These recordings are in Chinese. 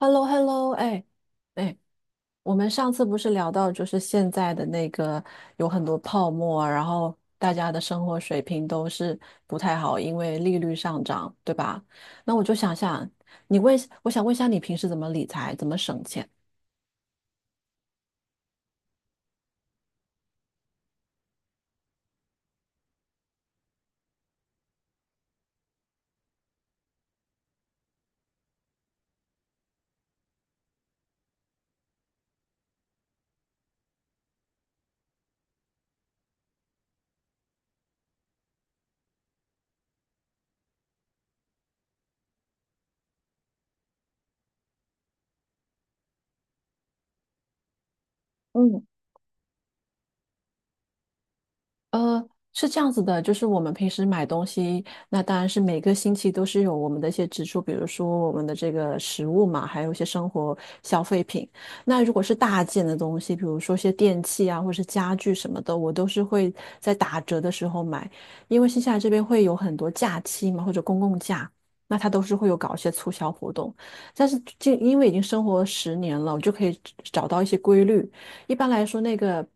h e l l o h e l l o 哎哎，我们上次不是聊到，就是现在的那个有很多泡沫啊，然后大家的生活水平都是不太好，因为利率上涨，对吧？那我就想想，你问，我想问一下，你平时怎么理财，怎么省钱？嗯。呃，是这样子的，就是我们平时买东西，那当然是每个星期都是有我们的一些支出，比如说我们的这个食物嘛，还有一些生活消费品。那如果是大件的东西，比如说一些电器啊，或者是家具什么的，我都是会在打折的时候买，因为新西兰这边会有很多假期嘛，或者公共假，那它都是会有搞一些促销活动。但是就因为已经生活了10年了，我就可以找到一些规律。一般来说，那个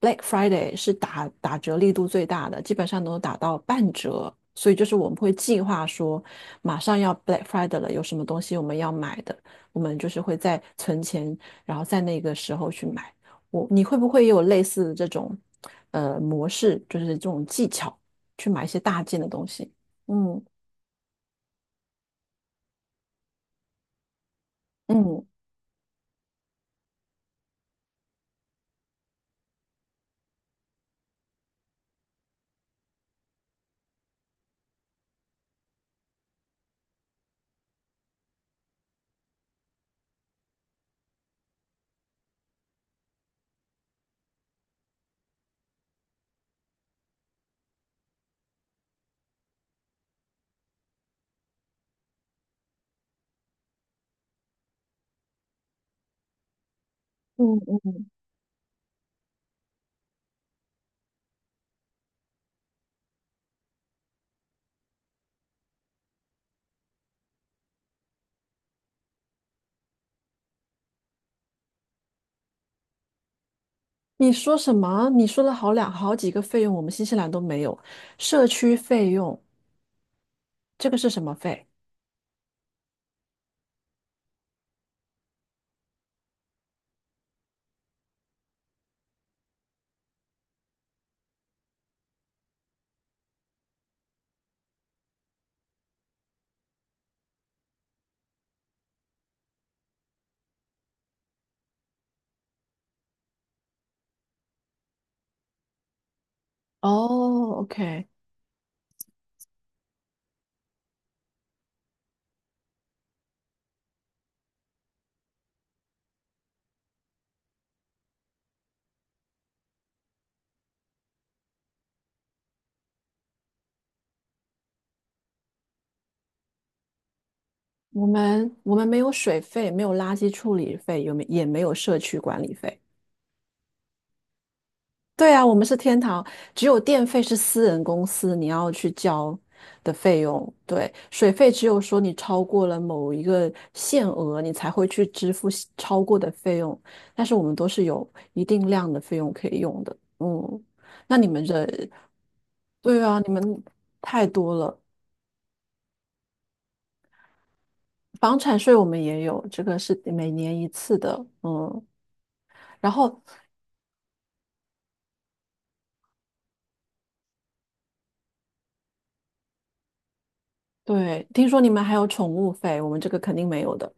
Black Friday 是打折力度最大的，基本上都打到半折。所以就是我们会计划说，马上要 Black Friday 了，有什么东西我们要买的，我们就是会在存钱，然后在那个时候去买。我，你会不会也有类似的这种模式，就是这种技巧去买一些大件的东西？嗯嗯。嗯嗯，你说什么？你说了好两好几个费用，我们新西兰都没有。社区费用，这个是什么费？哦，OK，我们没有水费，没有垃圾处理费，有没也没有社区管理费。对啊，我们是天堂，只有电费是私人公司你要去交的费用，对，水费只有说你超过了某一个限额，你才会去支付西超过的费用，但是我们都是有一定量的费用可以用的。嗯，那你们这，对啊，你们太多了。房产税我们也有，这个是每年一次的，嗯。然后，对，听说你们还有宠物费，我们这个肯定没有的。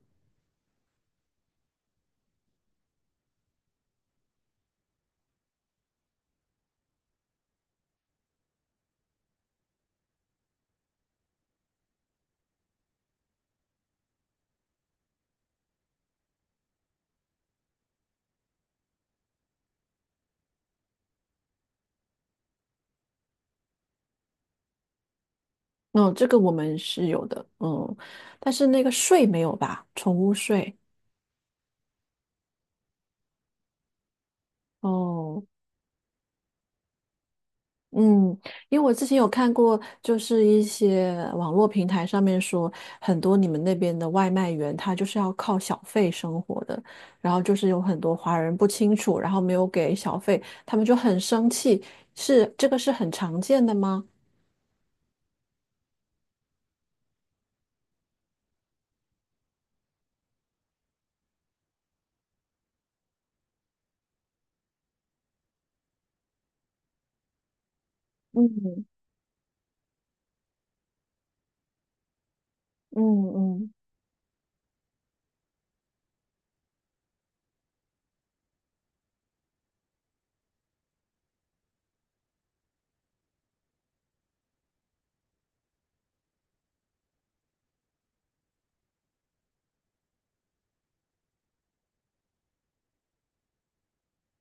嗯，这个我们是有的，嗯，但是那个税没有吧？宠物税。哦，嗯，因为我之前有看过，就是一些网络平台上面说，很多你们那边的外卖员他就是要靠小费生活的，然后就是有很多华人不清楚，然后没有给小费，他们就很生气。是，这个是很常见的吗？嗯嗯嗯，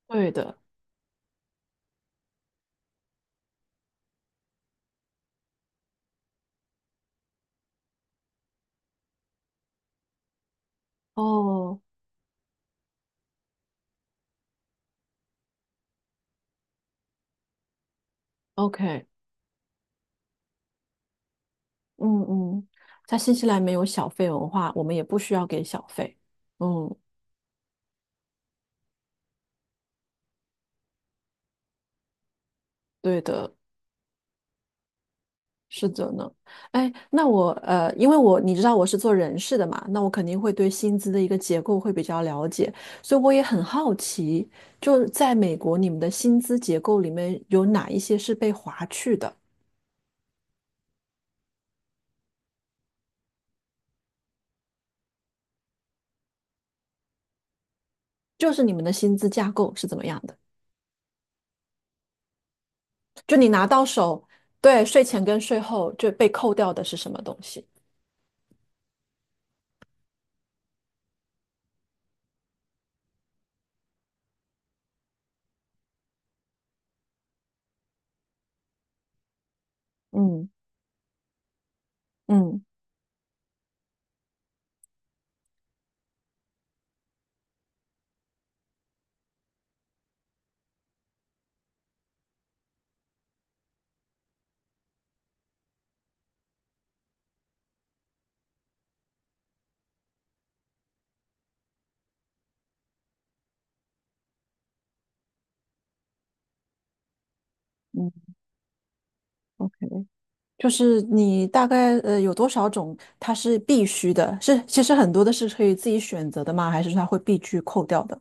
对的。哦。OK，嗯嗯，在新西兰没有小费文化，我们也不需要给小费。嗯，对的，是的呢。哎，那我因为我你知道我是做人事的嘛，那我肯定会对薪资的一个结构会比较了解，所以我也很好奇，就是在美国你们的薪资结构里面有哪一些是被划去的，就是你们的薪资架构是怎么样的？就你拿到手，对，税前跟税后就被扣掉的是什么东西？嗯嗯嗯嗯，就是你大概有多少种它是必须的？是其实很多的是可以自己选择的吗？还是它会必须扣掉的？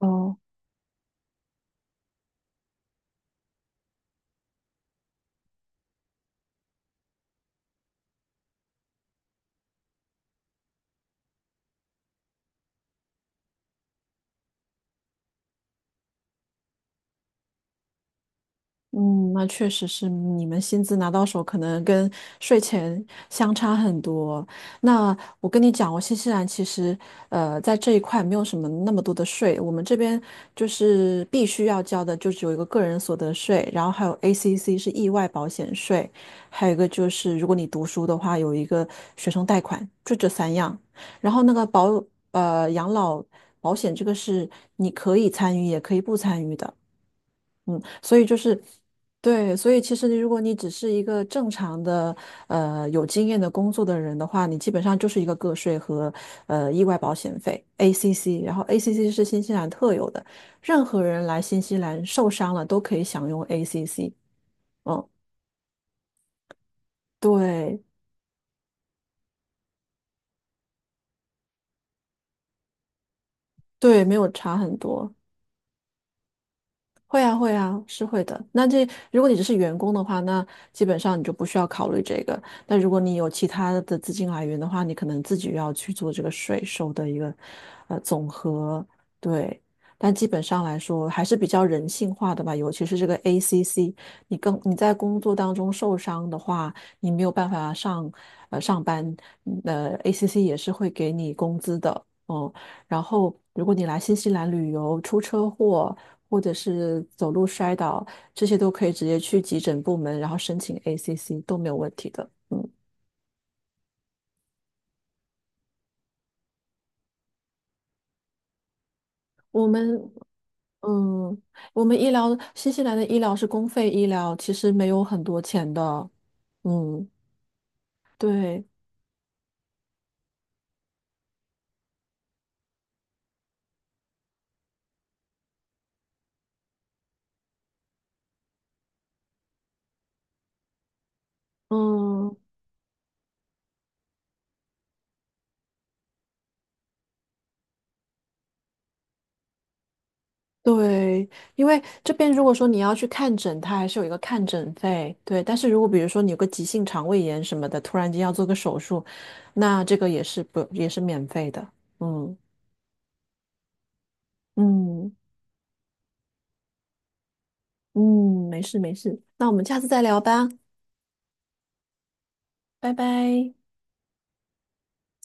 哦。嗯，那确实是你们薪资拿到手，可能跟税前相差很多。那我跟你讲，我新西兰其实在这一块没有什么那么多的税，我们这边就是必须要交的，就只有一个个人所得税，然后还有 ACC 是意外保险税，还有一个就是如果你读书的话，有一个学生贷款，就这三样。然后那个养老保险这个是你可以参与，也可以不参与的。嗯，所以就是，对，所以其实你如果你只是一个正常的有经验的工作的人的话，你基本上就是一个个税和意外保险费 （ACC），然后 ACC 是新西兰特有的，任何人来新西兰受伤了都可以享用 ACC。嗯，对对，没有差很多。会啊，会啊，是会的。那这如果你只是员工的话，那基本上你就不需要考虑这个。但如果你有其他的资金来源的话，你可能自己要去做这个税收的一个总和。对，但基本上来说还是比较人性化的吧。尤其是这个 ACC，你在工作当中受伤的话，你没有办法上班，ACC 也是会给你工资的。哦，然后，如果你来新西兰旅游，出车祸或者是走路摔倒，这些都可以直接去急诊部门，然后申请 ACC 都没有问题的。嗯，我们嗯，我们医疗新西兰的医疗是公费医疗，其实没有很多钱的。嗯，对，嗯，对，因为这边如果说你要去看诊，它还是有一个看诊费。对，但是如果比如说你有个急性肠胃炎什么的，突然间要做个手术，那这个也是不也是免费的。嗯嗯嗯，没事没事，那我们下次再聊吧，拜拜。